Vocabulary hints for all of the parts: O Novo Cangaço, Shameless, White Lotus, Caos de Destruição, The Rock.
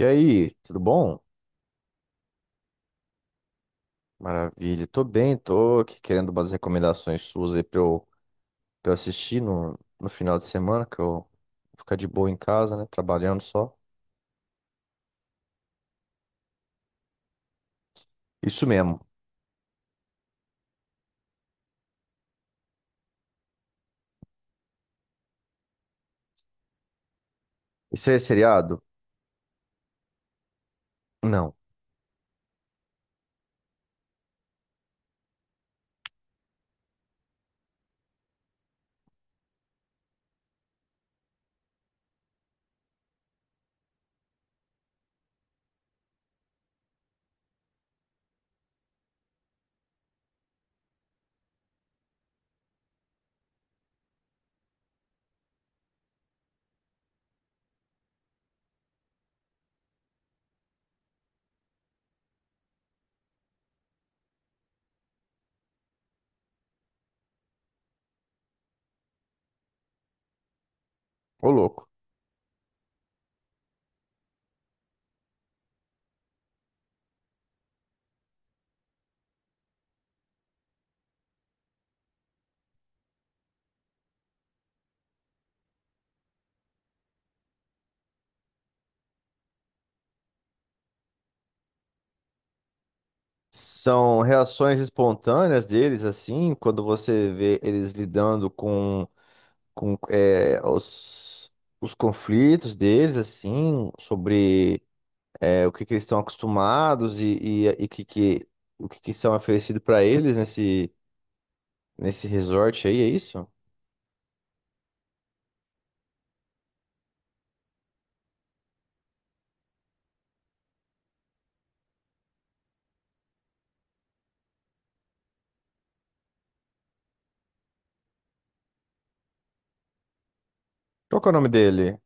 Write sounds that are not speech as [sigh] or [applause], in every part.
E aí, tudo bom? Maravilha, tô bem, tô aqui querendo umas recomendações suas aí pra eu assistir no final de semana, que eu vou ficar de boa em casa, né? Trabalhando só. Isso mesmo. Isso é seriado? Não. Ô, louco. São reações espontâneas deles, assim, quando você vê eles lidando com, com os conflitos deles, assim, sobre o que eles estão acostumados e o que, que são oferecido para eles nesse resort aí, é isso? Qual que é o nome dele?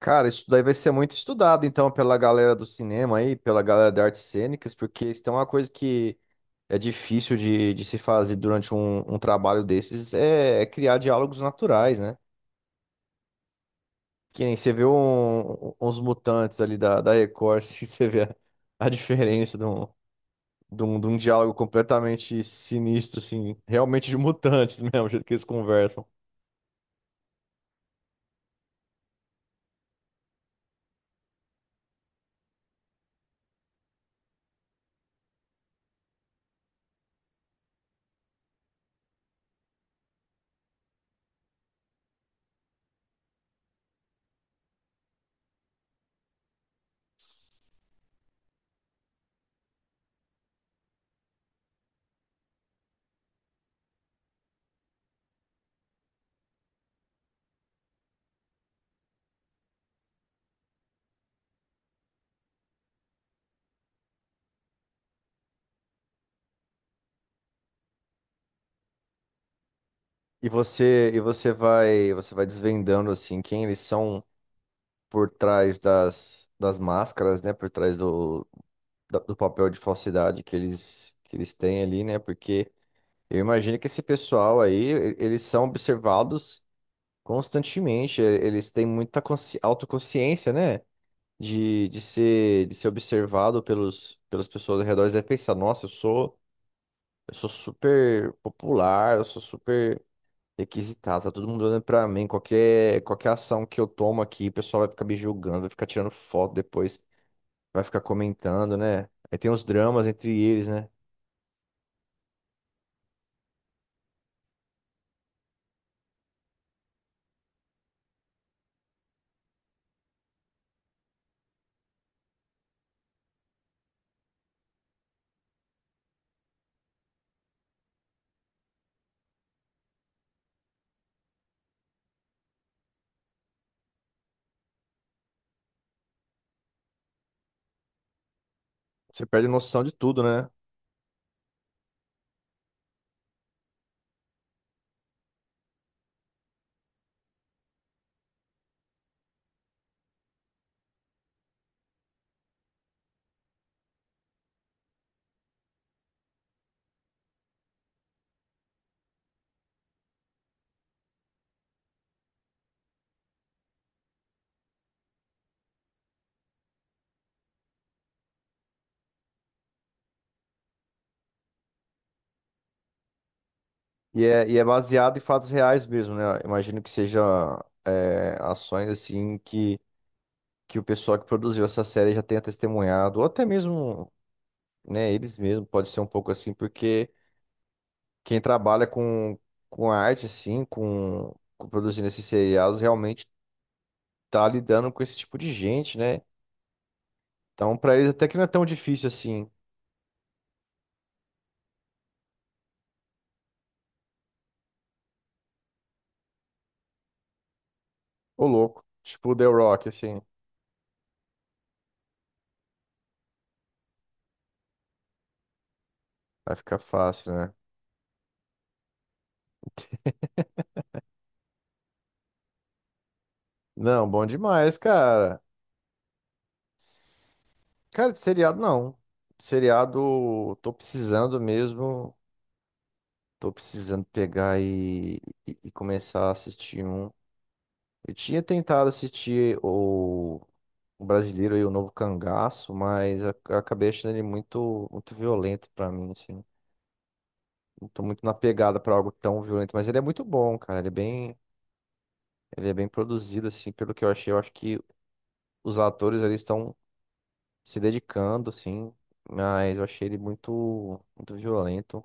Cara, isso daí vai ser muito estudado, então, pela galera do cinema aí, pela galera de artes cênicas, porque isso é uma coisa que é difícil de se fazer durante um trabalho desses, é, é criar diálogos naturais, né? Que nem você vê uns mutantes ali da Record, [laughs] assim, você vê a diferença de um diálogo completamente sinistro, assim, realmente de mutantes [laughs] mesmo, o jeito que eles conversam. E você vai desvendando assim quem eles são por trás das máscaras, né, por trás do papel de falsidade que eles têm ali, né? Porque eu imagino que esse pessoal aí, eles são observados constantemente, eles têm muita autoconsciência, né? De ser de ser observado pelos pelas pessoas ao redor. Eles devem pensar, nossa, Eu sou super popular, eu sou super requisitado, tá todo mundo olhando pra mim. Qualquer ação que eu tomo aqui, o pessoal vai ficar me julgando, vai ficar tirando foto depois, vai ficar comentando, né? Aí tem os dramas entre eles, né? Você perde noção de tudo, né? E é baseado em fatos reais mesmo, né? Imagino que seja ações assim que o pessoal que produziu essa série já tenha testemunhado, ou até mesmo, né, eles mesmos, pode ser um pouco assim, porque quem trabalha com arte, assim, com produzindo esses seriados, realmente tá lidando com esse tipo de gente, né? Então, pra eles até que não é tão difícil assim. Ô, louco. Tipo o The Rock, assim. Vai ficar fácil, né? Não, bom demais, cara. Cara, de seriado não. De seriado, tô precisando mesmo. Tô precisando pegar e começar a assistir um. Eu tinha tentado assistir o brasileiro aí, o novo cangaço, mas a eu acabei achando ele muito, muito violento pra mim, assim. Não tô muito na pegada pra algo tão violento, mas ele é muito bom, cara. Ele é bem produzido, assim, pelo que eu achei. Eu acho que os atores ali estão se dedicando, assim, mas eu achei ele muito, muito violento.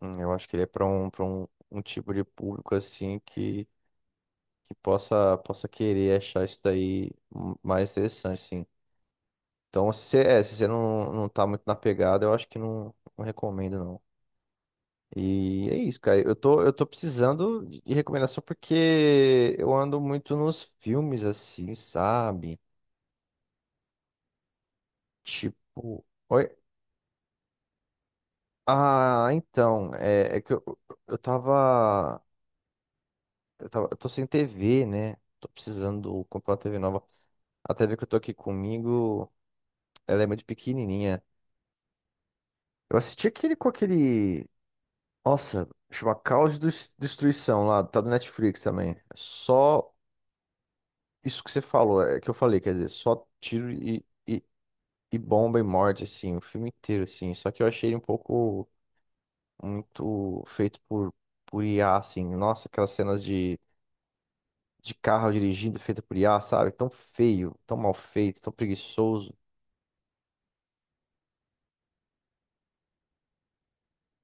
Eu acho que ele é pra para um tipo de público, assim, que possa, possa querer achar isso daí, mais interessante, assim. Então, se você, é, se você não, não tá muito na pegada, eu acho que não, não recomendo, não. E é isso, cara. Eu tô precisando de recomendação porque eu ando muito nos filmes, assim, sabe? Tipo. Oi? Ah, então. É, é que eu tava. Eu tava. Eu tô sem TV, né? Tô precisando comprar uma TV nova. A TV que eu tô aqui comigo, ela é muito pequenininha. Eu assisti aquele com aquele. Nossa, chama Caos de Destruição lá, tá do Netflix também. É só isso que você falou, é que eu falei, quer dizer, só tiro e bomba e morte, assim, o filme inteiro, assim. Só que eu achei ele um pouco muito feito por IA, assim. Nossa, aquelas cenas de carro dirigindo feita por IA, sabe? Tão feio, tão mal feito, tão preguiçoso.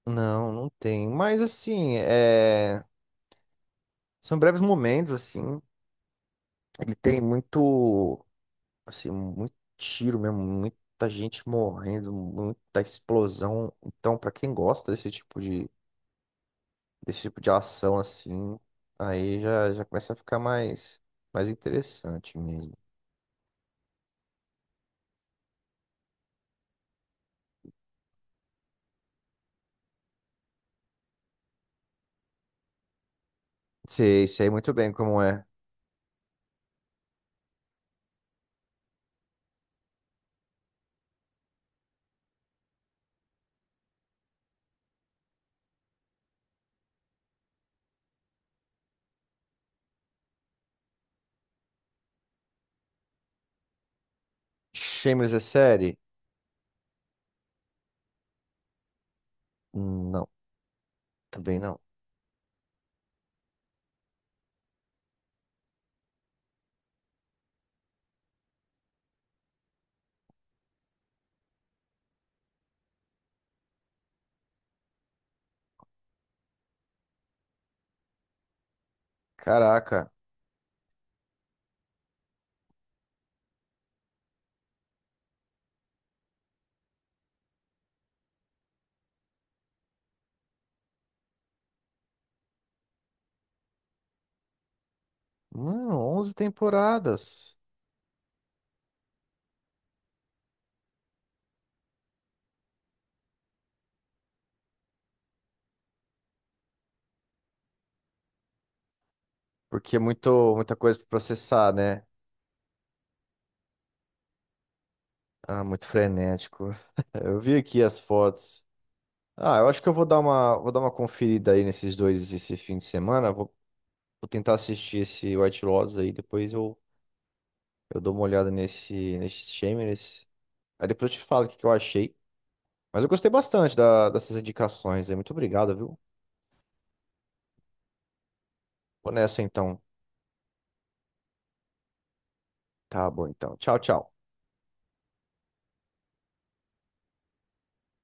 Não, não tem. Mas, assim, é, são breves momentos, assim. Ele tem muito, assim, muito tiro mesmo, muita gente morrendo, muita explosão. Então, pra quem gosta desse tipo de ação, assim, aí já, já começa a ficar mais interessante mesmo. Sei, sei muito bem como é. Shameless é série? Não, também não. Caraca, mano, 11 temporadas. Porque é muito, muita coisa pra processar, né? Ah, muito frenético. [laughs] Eu vi aqui as fotos. Ah, eu acho que eu vou dar uma conferida aí nesses dois esse fim de semana. Vou tentar assistir esse White Lotus aí, depois eu dou uma olhada nesse, nesse Shameless. Aí depois eu te falo o que, que eu achei. Mas eu gostei bastante dessas indicações aí. Muito obrigado, viu? Vou nessa então. Tá bom então. Tchau, tchau.